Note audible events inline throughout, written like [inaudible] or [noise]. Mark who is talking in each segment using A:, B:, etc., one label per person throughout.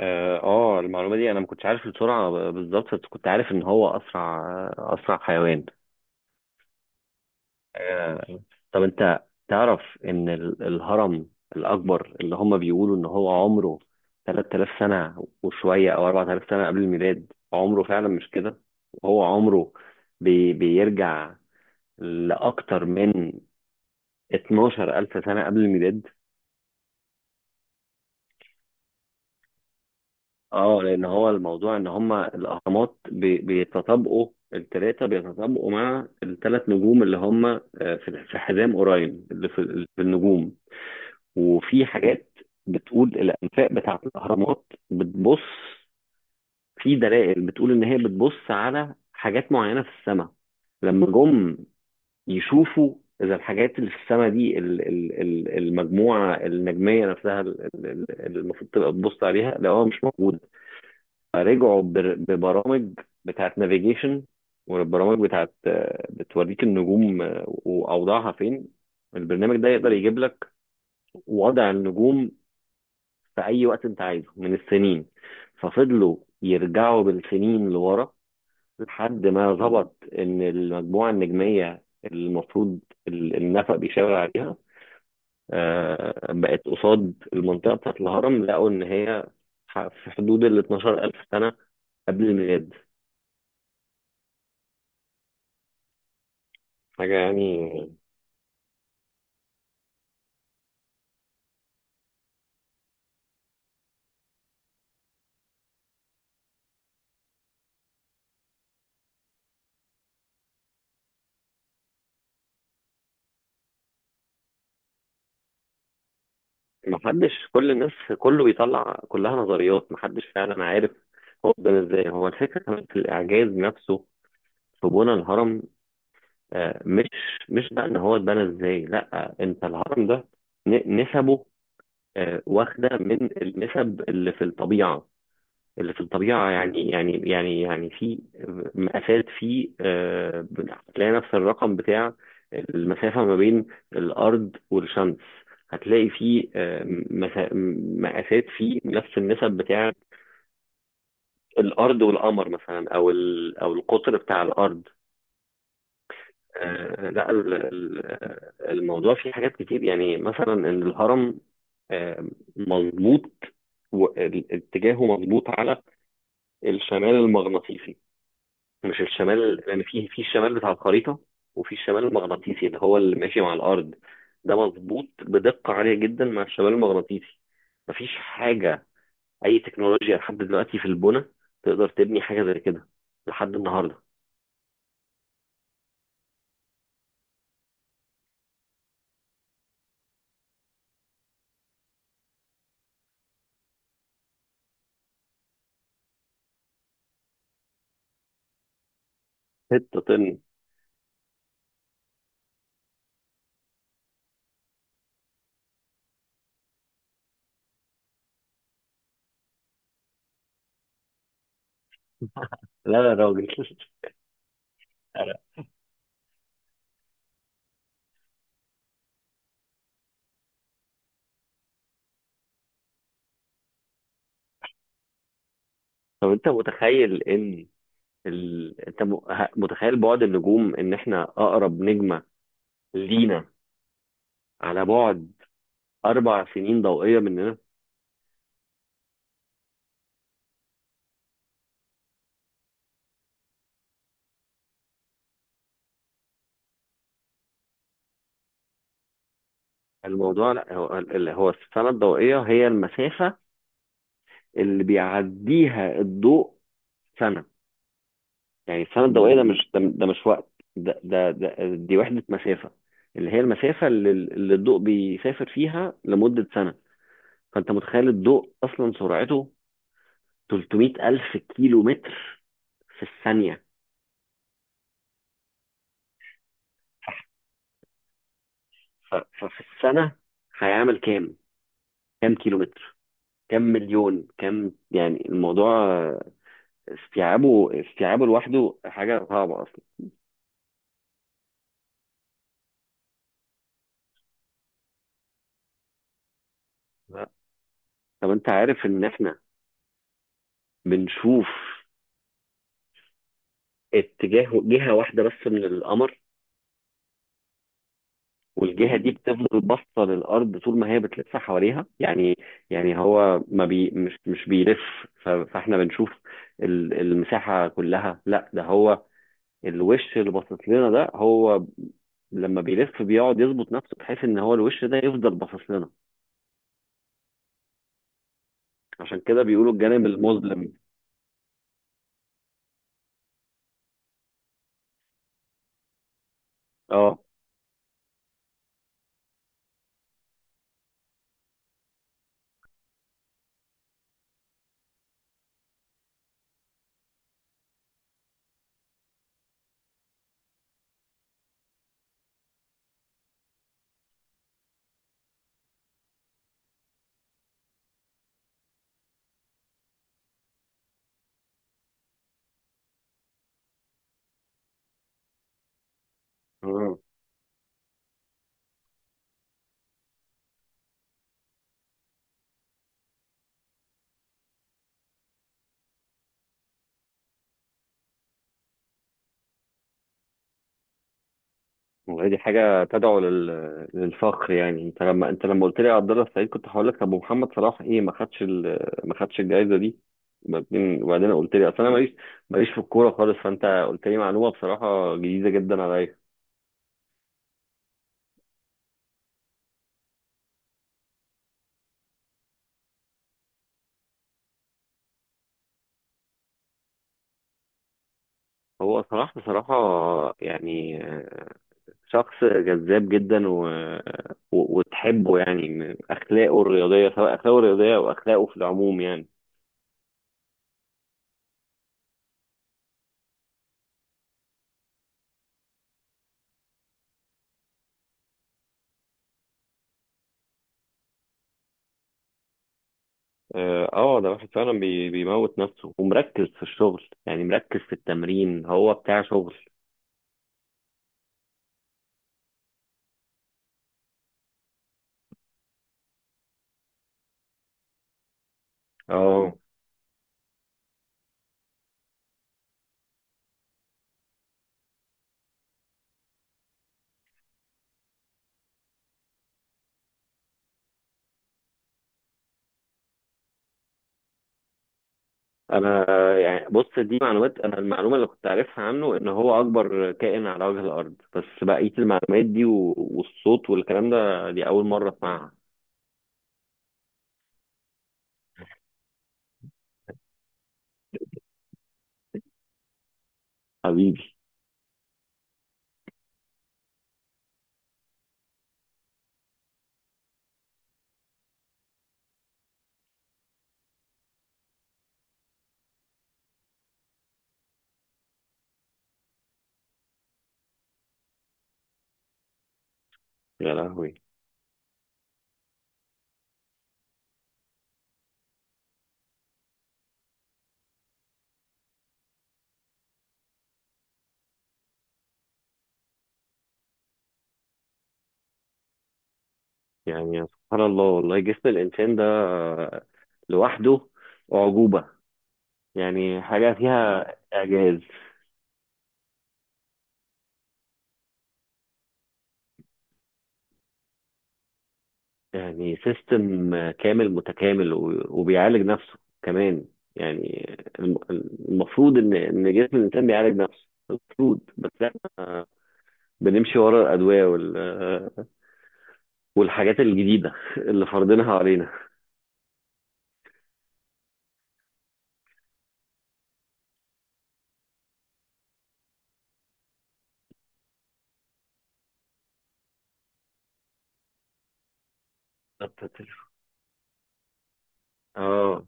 A: اه، المعلومة دي انا ما كنتش عارف السرعة بالظبط. بس كنت عارف ان هو اسرع حيوان. آه، طب انت تعرف ان الهرم الاكبر اللي هم بيقولوا ان هو عمره 3000 سنة وشوية او 4000 سنة قبل الميلاد؟ عمره فعلا مش كده، وهو عمره بيرجع لاكتر من 12000 سنة قبل الميلاد. اه، لان هو الموضوع ان هما الاهرامات بيتطابقوا، التلاتة بيتطابقوا مع التلات نجوم اللي هما، في حزام اوراين، اللي في النجوم. وفي حاجات بتقول الانفاق بتاعة الاهرامات بتبص، في دلائل بتقول ان هي بتبص على حاجات معينة في السماء. لما جم يشوفوا اذا الحاجات اللي في السماء دي، المجموعة النجمية نفسها، اللي المفروض تبقى بتبص عليها، لقوها مش موجودة. رجعوا ببرامج بتاعت نافيجيشن، والبرامج بتاعت، بتوريك النجوم واوضاعها فين. البرنامج ده يقدر يجيب لك وضع النجوم في اي وقت انت عايزه من السنين. ففضلوا يرجعوا بالسنين لورا لحد ما ظبط ان المجموعه النجميه المفروض النفق بيشاور عليها، بقت قصاد المنطقه بتاعت الهرم. لقوا ان هي في حدود ال 12000 سنه قبل الميلاد. حاجه يعني. محدش، كل الناس كله بيطلع كلها نظريات، محدش فعلا عارف هو قدام ازاي. هو الفكرة كمان في الإعجاز نفسه في بنى الهرم. آه، مش مش بقى إن هو اتبنى ازاي، لأ، أنت الهرم ده نسبه واخدة من النسب اللي في الطبيعة. يعني في مقاسات، في هتلاقي نفس الرقم بتاع المسافة ما بين الأرض والشمس. هتلاقي في مسا- مقاسات في نفس النسب بتاع الأرض والقمر مثلا، أو أو القطر بتاع الأرض. لا، الموضوع فيه حاجات كتير يعني، مثلا إن الهرم آه، مظبوط. اتجاهه مظبوط على الشمال المغناطيسي، مش الشمال يعني، في الشمال بتاع الخريطة، وفي الشمال المغناطيسي اللي هو اللي ماشي مع الأرض. ده مظبوط بدقة عالية جدا مع الشمال المغناطيسي. مفيش حاجة، أي تكنولوجيا لحد دلوقتي في البنى، تقدر تبني حاجة زي كده لحد النهاردة. 6 طن. لا يا راجل [laughs] أنا- طب أنت متخيل إن متخيل بعد النجوم إن إحنا أقرب نجمة لينا على بعد 4 سنين ضوئية مننا. الموضوع، لا هو اللي هو السنة الضوئية هي المسافة اللي بيعديها الضوء سنة. يعني السنة الضوئية، ده مش ده، ده مش وقت ده, ده, ده دي وحدة مسافة، اللي هي المسافة اللي الضوء بيسافر فيها لمدة سنة. فأنت متخيل الضوء أصلا سرعته 300 ألف كيلو متر في الثانية. ففي السنة هيعمل كام؟ كام كيلو متر؟ كام مليون؟ كام يعني؟ الموضوع استيعابه لوحده حاجة صعبة أصلا. لا. طب انت عارف ان احنا بنشوف اتجاه جهة واحدة بس من القمر، والجهة دي بتفضل باصة للأرض طول ما هي بتلف حواليها. يعني يعني هو ما مش بيلف. فاحنا بنشوف المساحة كلها. لا، ده هو الوش اللي باصص لنا. ده هو لما بيلف بيقعد يظبط نفسه بحيث ان هو الوش ده يفضل باصص لنا. عشان كده بيقولوا الجانب المظلم. اه، والله دي حاجة تدعو للفخر. يعني انت لما، قلت لي عبد الله السعيد، كنت هقول لك طب ومحمد صلاح ايه، ما خدش الجائزة دي؟ وبعدين، قلت لي اصل انا ماليش، في الكورة خالص. فانت قلت لي معلومة بصراحة جديدة جدا عليا. هو صلاح بصراحة يعني شخص جذاب جدا، وتحبه يعني، من أخلاقه الرياضية، سواء أخلاقه الرياضية أو أخلاقه في العموم يعني. اه، ده واحد فعلا بيموت نفسه ومركز في الشغل، يعني مركز في التمرين، هو بتاع شغل. اه، انا يعني بص، دي معلومات. انا المعلومه اللي كنت عارفها عنه ان هو اكبر كائن على وجه الارض، بس بقيه المعلومات دي والصوت والكلام ده، دي اول مره اسمعها. حبيبي. يا لهوي! يعني سبحان الله، والله جسم الانسان ده لوحده اعجوبه. يعني حاجه فيها اعجاز. يعني سيستم كامل متكامل، وبيعالج نفسه كمان. يعني المفروض ان جسم الانسان بيعالج نفسه المفروض، بس احنا بنمشي ورا الادويه والحاجات الجديده اللي فرضينها علينا. بالظبط، التليفون. اه،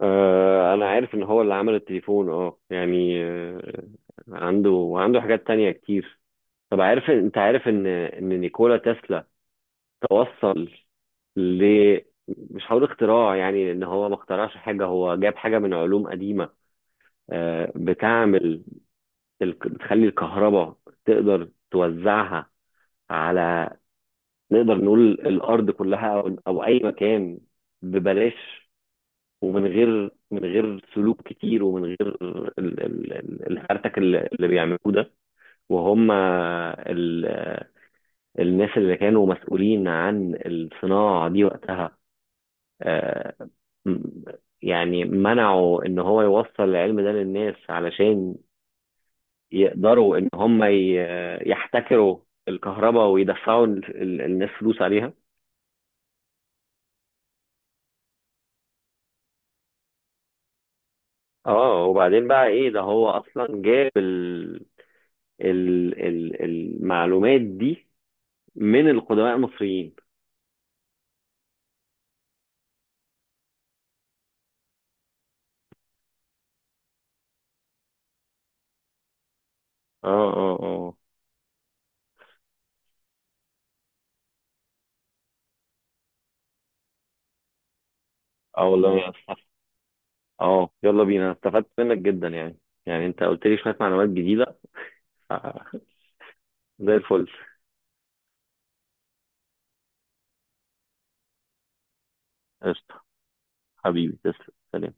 A: انا عارف ان هو اللي عمل التليفون، اه يعني، عنده وعنده حاجات تانية كتير. طب عارف، عارف ان نيكولا تسلا توصل ل مش هقول اختراع، يعني ان هو ما اخترعش حاجه، هو جاب حاجه من علوم قديمه بتعمل بتخلي الكهرباء تقدر توزعها على، نقدر نقول، الارض كلها او اي مكان ببلاش، ومن غير، من غير سلوك كتير، ومن غير الهرتك اللي بيعملوه ده، وهم الناس اللي كانوا مسؤولين عن الصناعه دي وقتها. آه، م- يعني منعوا ان هو يوصل العلم ده للناس علشان يقدروا ان هم يحتكروا الكهرباء ويدفعوا الناس فلوس عليها. اه، وبعدين بقى ايه، ده هو اصلا جاب ال المعلومات دي من القدماء المصريين. اه، اه، اه. اه، والله يا أستاذ. اه، يلا بينا، أنا استفدت منك جدا يعني. انت قلت لي شوية معلومات جديدة، ف- زي الفل. قشطة، حبيبي، تسلم. سلام.